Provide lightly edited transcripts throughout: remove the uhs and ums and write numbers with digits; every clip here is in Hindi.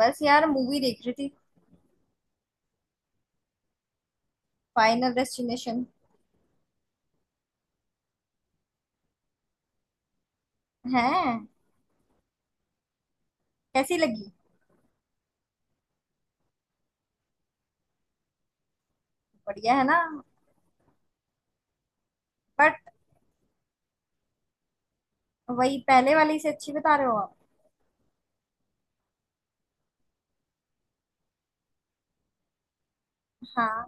बस यार मूवी देख रही थी। फाइनल डेस्टिनेशन है। कैसी लगी? बढ़िया है ना? बट वही पहले वाली से अच्छी बता रहे हो आप? हाँ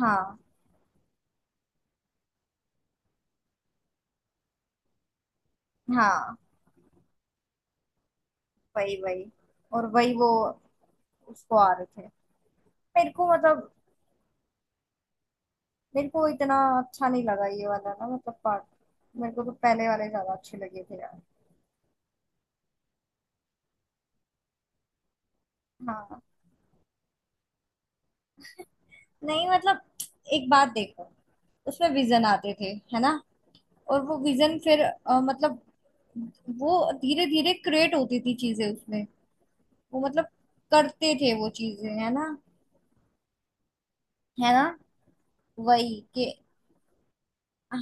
हाँ हाँ। वही वही। और वही वो उसको आ रहे थे। मेरे को मतलब, मेरे को इतना अच्छा नहीं लगा ये वाला ना, मतलब, पार्ट। मेरे को तो पहले वाले ज्यादा अच्छे लगे थे यार। हाँ। नहीं, मतलब एक बात देखो। उसमें विजन आते थे है ना? और वो विजन फिर मतलब वो धीरे धीरे क्रिएट होती थी चीजें उसमें। वो मतलब करते थे वो चीजें है ना? है ना? वही कि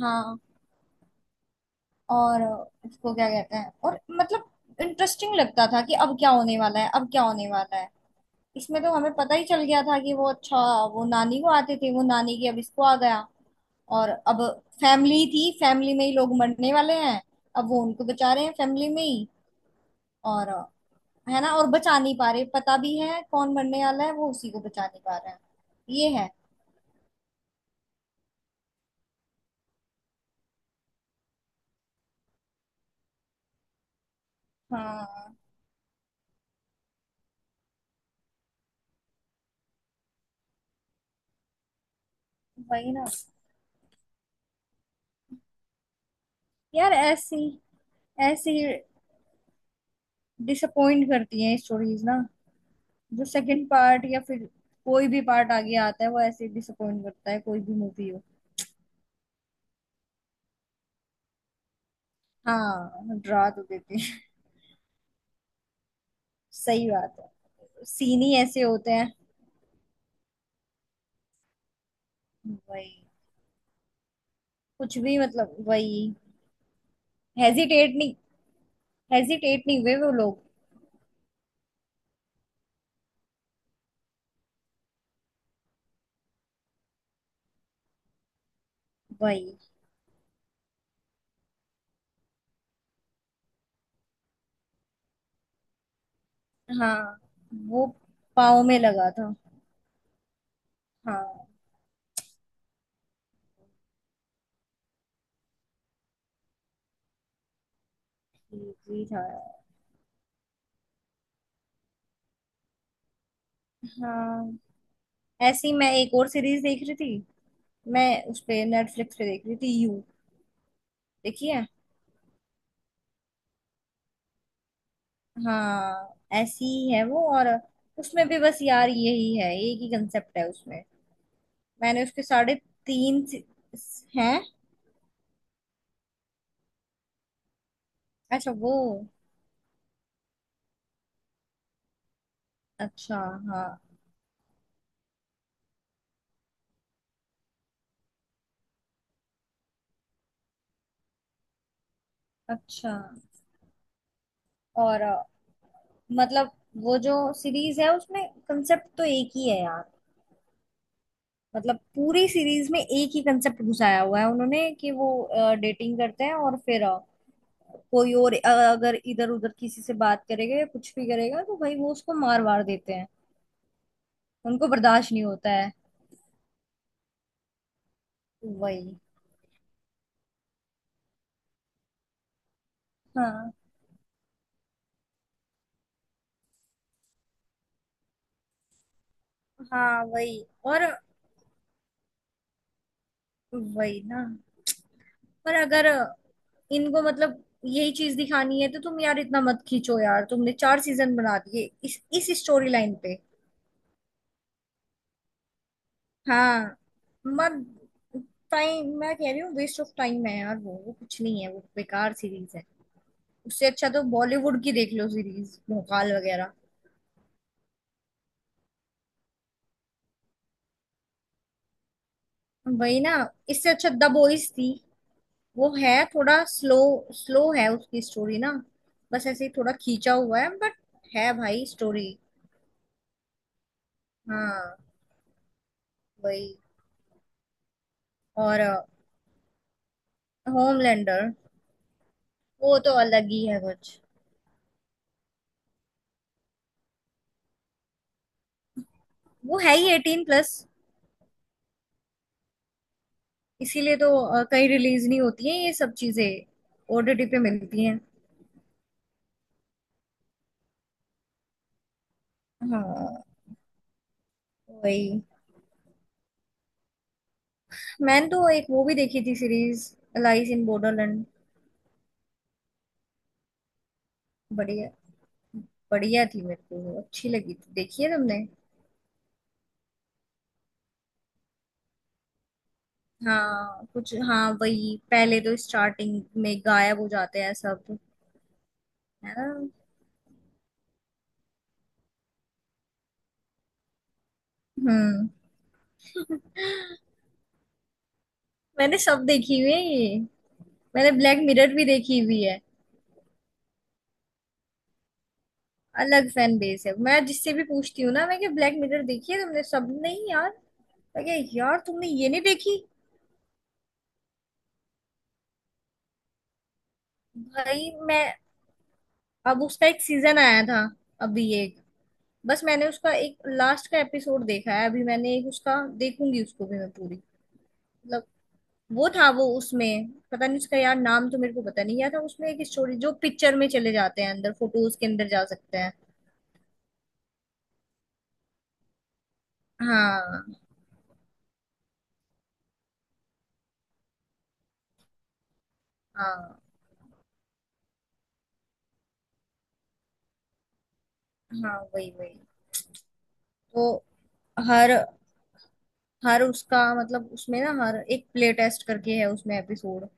हाँ। और उसको क्या कहते हैं, और मतलब इंटरेस्टिंग लगता था कि अब क्या होने वाला है, अब क्या होने वाला है। इसमें तो हमें पता ही चल गया था कि वो अच्छा वो नानी को आते थे, वो नानी की, अब इसको आ गया। और अब फैमिली थी, फैमिली में ही लोग मरने वाले हैं। अब वो उनको बचा रहे हैं फैमिली में ही। और है ना, और बचा नहीं पा रहे, पता भी है कौन मरने वाला है वो उसी को बचा नहीं पा रहा है। ये है। हाँ। वही ना यार। ऐसी ऐसी डिसअपॉइंट करती हैं स्टोरीज ना। जो सेकंड पार्ट या फिर कोई भी पार्ट आगे आता है, वो ऐसे डिसअपॉइंट करता है कोई भी मूवी हो। हाँ डरा तो देती है। सही बात है, सीन ही ऐसे होते हैं। वही। कुछ भी मतलब वही। हेजिटेट नहीं हेजिटेट नहीं हुए वो लोग। वही। हाँ वो पाँव में लगा था। हाँ ठीक ही था। हाँ। ऐसी मैं एक और सीरीज देख रही थी। मैं उस पे नेटफ्लिक्स पे देख रही थी यू। देखिए। हाँ ऐसी ही है वो। और उसमें भी बस यार यही है, एक ही कंसेप्ट है उसमें। मैंने उसके साढ़े तीन हैं। अच्छा वो। अच्छा। हाँ। अच्छा। और मतलब वो जो सीरीज है उसमें कंसेप्ट तो एक ही है यार। मतलब पूरी सीरीज में एक ही कंसेप्ट घुसाया हुआ है उन्होंने, कि वो डेटिंग करते हैं और फिर कोई और अगर इधर उधर किसी से बात करेगा या कुछ भी करेगा तो भाई वो उसको मार वार देते हैं। उनको बर्दाश्त नहीं होता है। वही। हाँ हाँ। वही और वही ना। पर अगर इनको मतलब यही चीज दिखानी है, तो तुम यार इतना मत खींचो यार। तुमने चार सीजन बना दिए इस स्टोरी लाइन पे। हाँ मत। टाइम मैं कह रही हूँ वेस्ट ऑफ टाइम है यार। वो कुछ नहीं है। वो बेकार सीरीज है। उससे अच्छा तो बॉलीवुड की देख लो, सीरीज भोकाल वगैरह। वही ना। इससे अच्छा द बॉयज थी। वो है थोड़ा स्लो। स्लो है उसकी स्टोरी ना। बस ऐसे ही थोड़ा खींचा हुआ है, बट है भाई स्टोरी। हाँ वही। और होमलैंडर वो तो अलग ही है कुछ। वो है ही एटीन प्लस। इसीलिए तो कहीं रिलीज नहीं होती है ये सब चीजें। ओटीटी पे मिलती हैं। हाँ वही। मैंने तो एक वो भी देखी थी सीरीज। Lyase in Borderland. बढ़िया। बढ़िया थी, मेरे को वो अच्छी लगी थी। देखी है तुमने? हाँ कुछ हाँ वही, पहले तो स्टार्टिंग में गायब हो जाते हैं सब। है ना? हम्म। मैंने सब देखी हुई है ये। मैंने ब्लैक मिरर भी देखी हुई है। अलग फैन बेस है, मैं जिससे भी पूछती हूँ ना, मैं कि ब्लैक मिरर देखी है तुमने? सब नहीं यार। अरे यार तुमने ये नहीं देखी? भाई मैं। अब उसका एक सीजन आया था अभी एक। बस मैंने उसका एक लास्ट का एपिसोड देखा है, अभी मैंने एक उसका। देखूंगी उसको भी मैं पूरी। मतलब वो था, वो उसमें पता नहीं उसका यार नाम तो मेरे को पता नहीं याद था, उसमें एक स्टोरी जो पिक्चर में चले जाते हैं अंदर, फोटोज के अंदर जा सकते हैं। हाँ हाँ हाँ। वही वही। तो हर हर उसका मतलब उसमें ना हर एक प्ले टेस्ट करके है उसमें एपिसोड।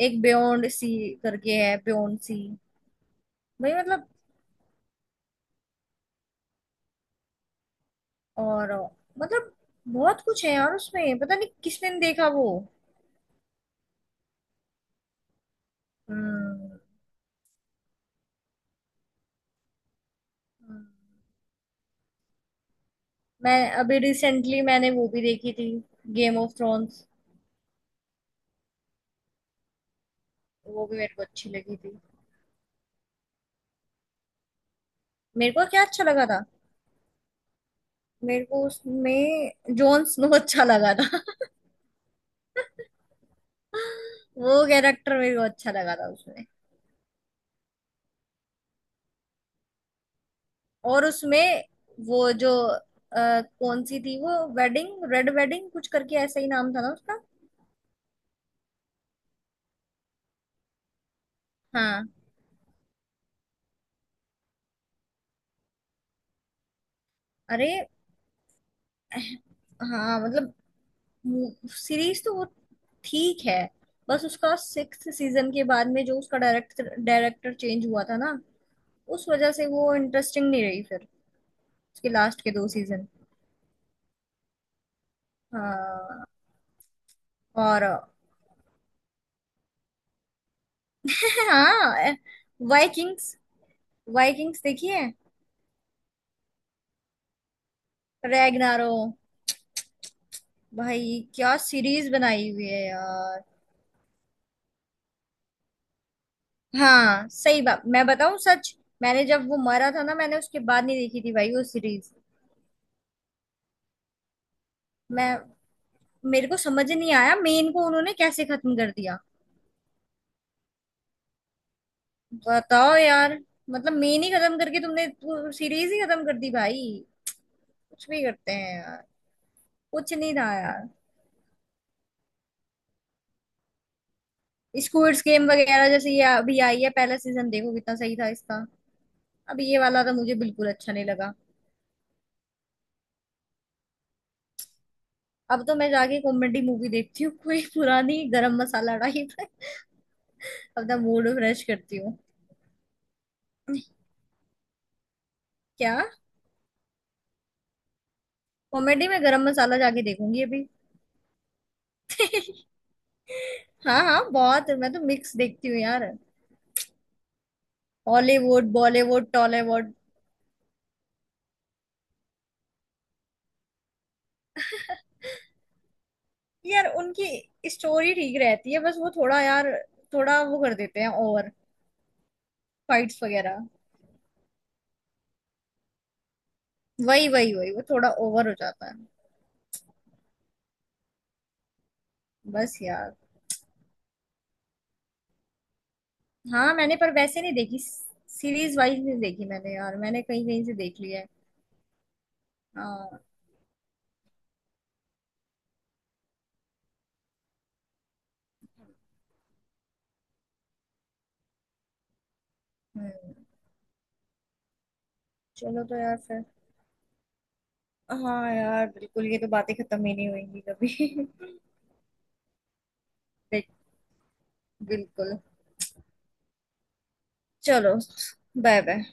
एक बियॉन्ड सी करके है, बियॉन्ड सी। भाई मतलब और मतलब बहुत कुछ है यार उसमें, पता नहीं किसने नहीं देखा वो। हम्म हम्म। मैं अभी रिसेंटली मैंने वो भी देखी थी, गेम ऑफ थ्रोन्स। वो भी मेरे को अच्छी लगी थी। मेरे को क्या अच्छा लगा था? मेरे को उसमें जॉन स्नो अच्छा लगा था। वो कैरेक्टर मेरे को अच्छा लगा था उसमें। और उसमें वो जो कौन सी थी वो वेडिंग, रेड वेडिंग कुछ करके ऐसा ही नाम था ना उसका। हाँ। अरे हाँ मतलब सीरीज तो वो ठीक है। बस उसका सिक्स सीजन के बाद में जो उसका डायरेक्टर डायरेक्टर चेंज हुआ था ना, उस वजह से वो इंटरेस्टिंग नहीं रही फिर उसके लास्ट के दो सीजन। हाँ और। हाँ वाइकिंग्स। वाइकिंग्स देखिए। रैग्नारो। भाई क्या सीरीज बनाई हुई है यार। हाँ सही बात मैं बताऊं सच। मैंने जब वो मरा था ना, मैंने उसके बाद नहीं देखी थी भाई वो सीरीज। मैं मेरे को समझ नहीं आया मेन को उन्होंने कैसे खत्म कर दिया। बताओ यार। मतलब मेन ही खत्म करके तुमने सीरीज ही खत्म कर दी भाई। कुछ भी करते हैं यार। कुछ नहीं था यार। स्क्विड गेम वगैरह जैसे ये अभी आई है, पहला सीजन देखो कितना सही था इसका। अब ये वाला तो मुझे बिल्कुल अच्छा नहीं लगा। अब तो मैं जाके कॉमेडी मूवी देखती हूँ, कोई पुरानी गरम मसाला टाइप। अपना मूड फ्रेश करती हूँ। क्या? कॉमेडी में गरम मसाला जाके देखूंगी अभी। हाँ हाँ बहुत, मैं तो मिक्स देखती हूँ यार। हॉलीवुड बॉलीवुड टॉलीवुड। यार उनकी स्टोरी ठीक रहती है, बस वो थोड़ा यार, थोड़ा वो कर देते हैं ओवर। फाइट्स वगैरह। वही वही वही वो थोड़ा ओवर हो जाता है। बस यार। हाँ मैंने, पर वैसे नहीं देखी। सीरीज वाइज नहीं देखी मैंने यार। मैंने कहीं कहीं से देख ली है। हाँ। हम्म। चलो तो यार फिर। हाँ यार बिल्कुल, ये तो बातें खत्म ही नहीं होंगी कभी। देख बिल्कुल। चलो। Bye bye.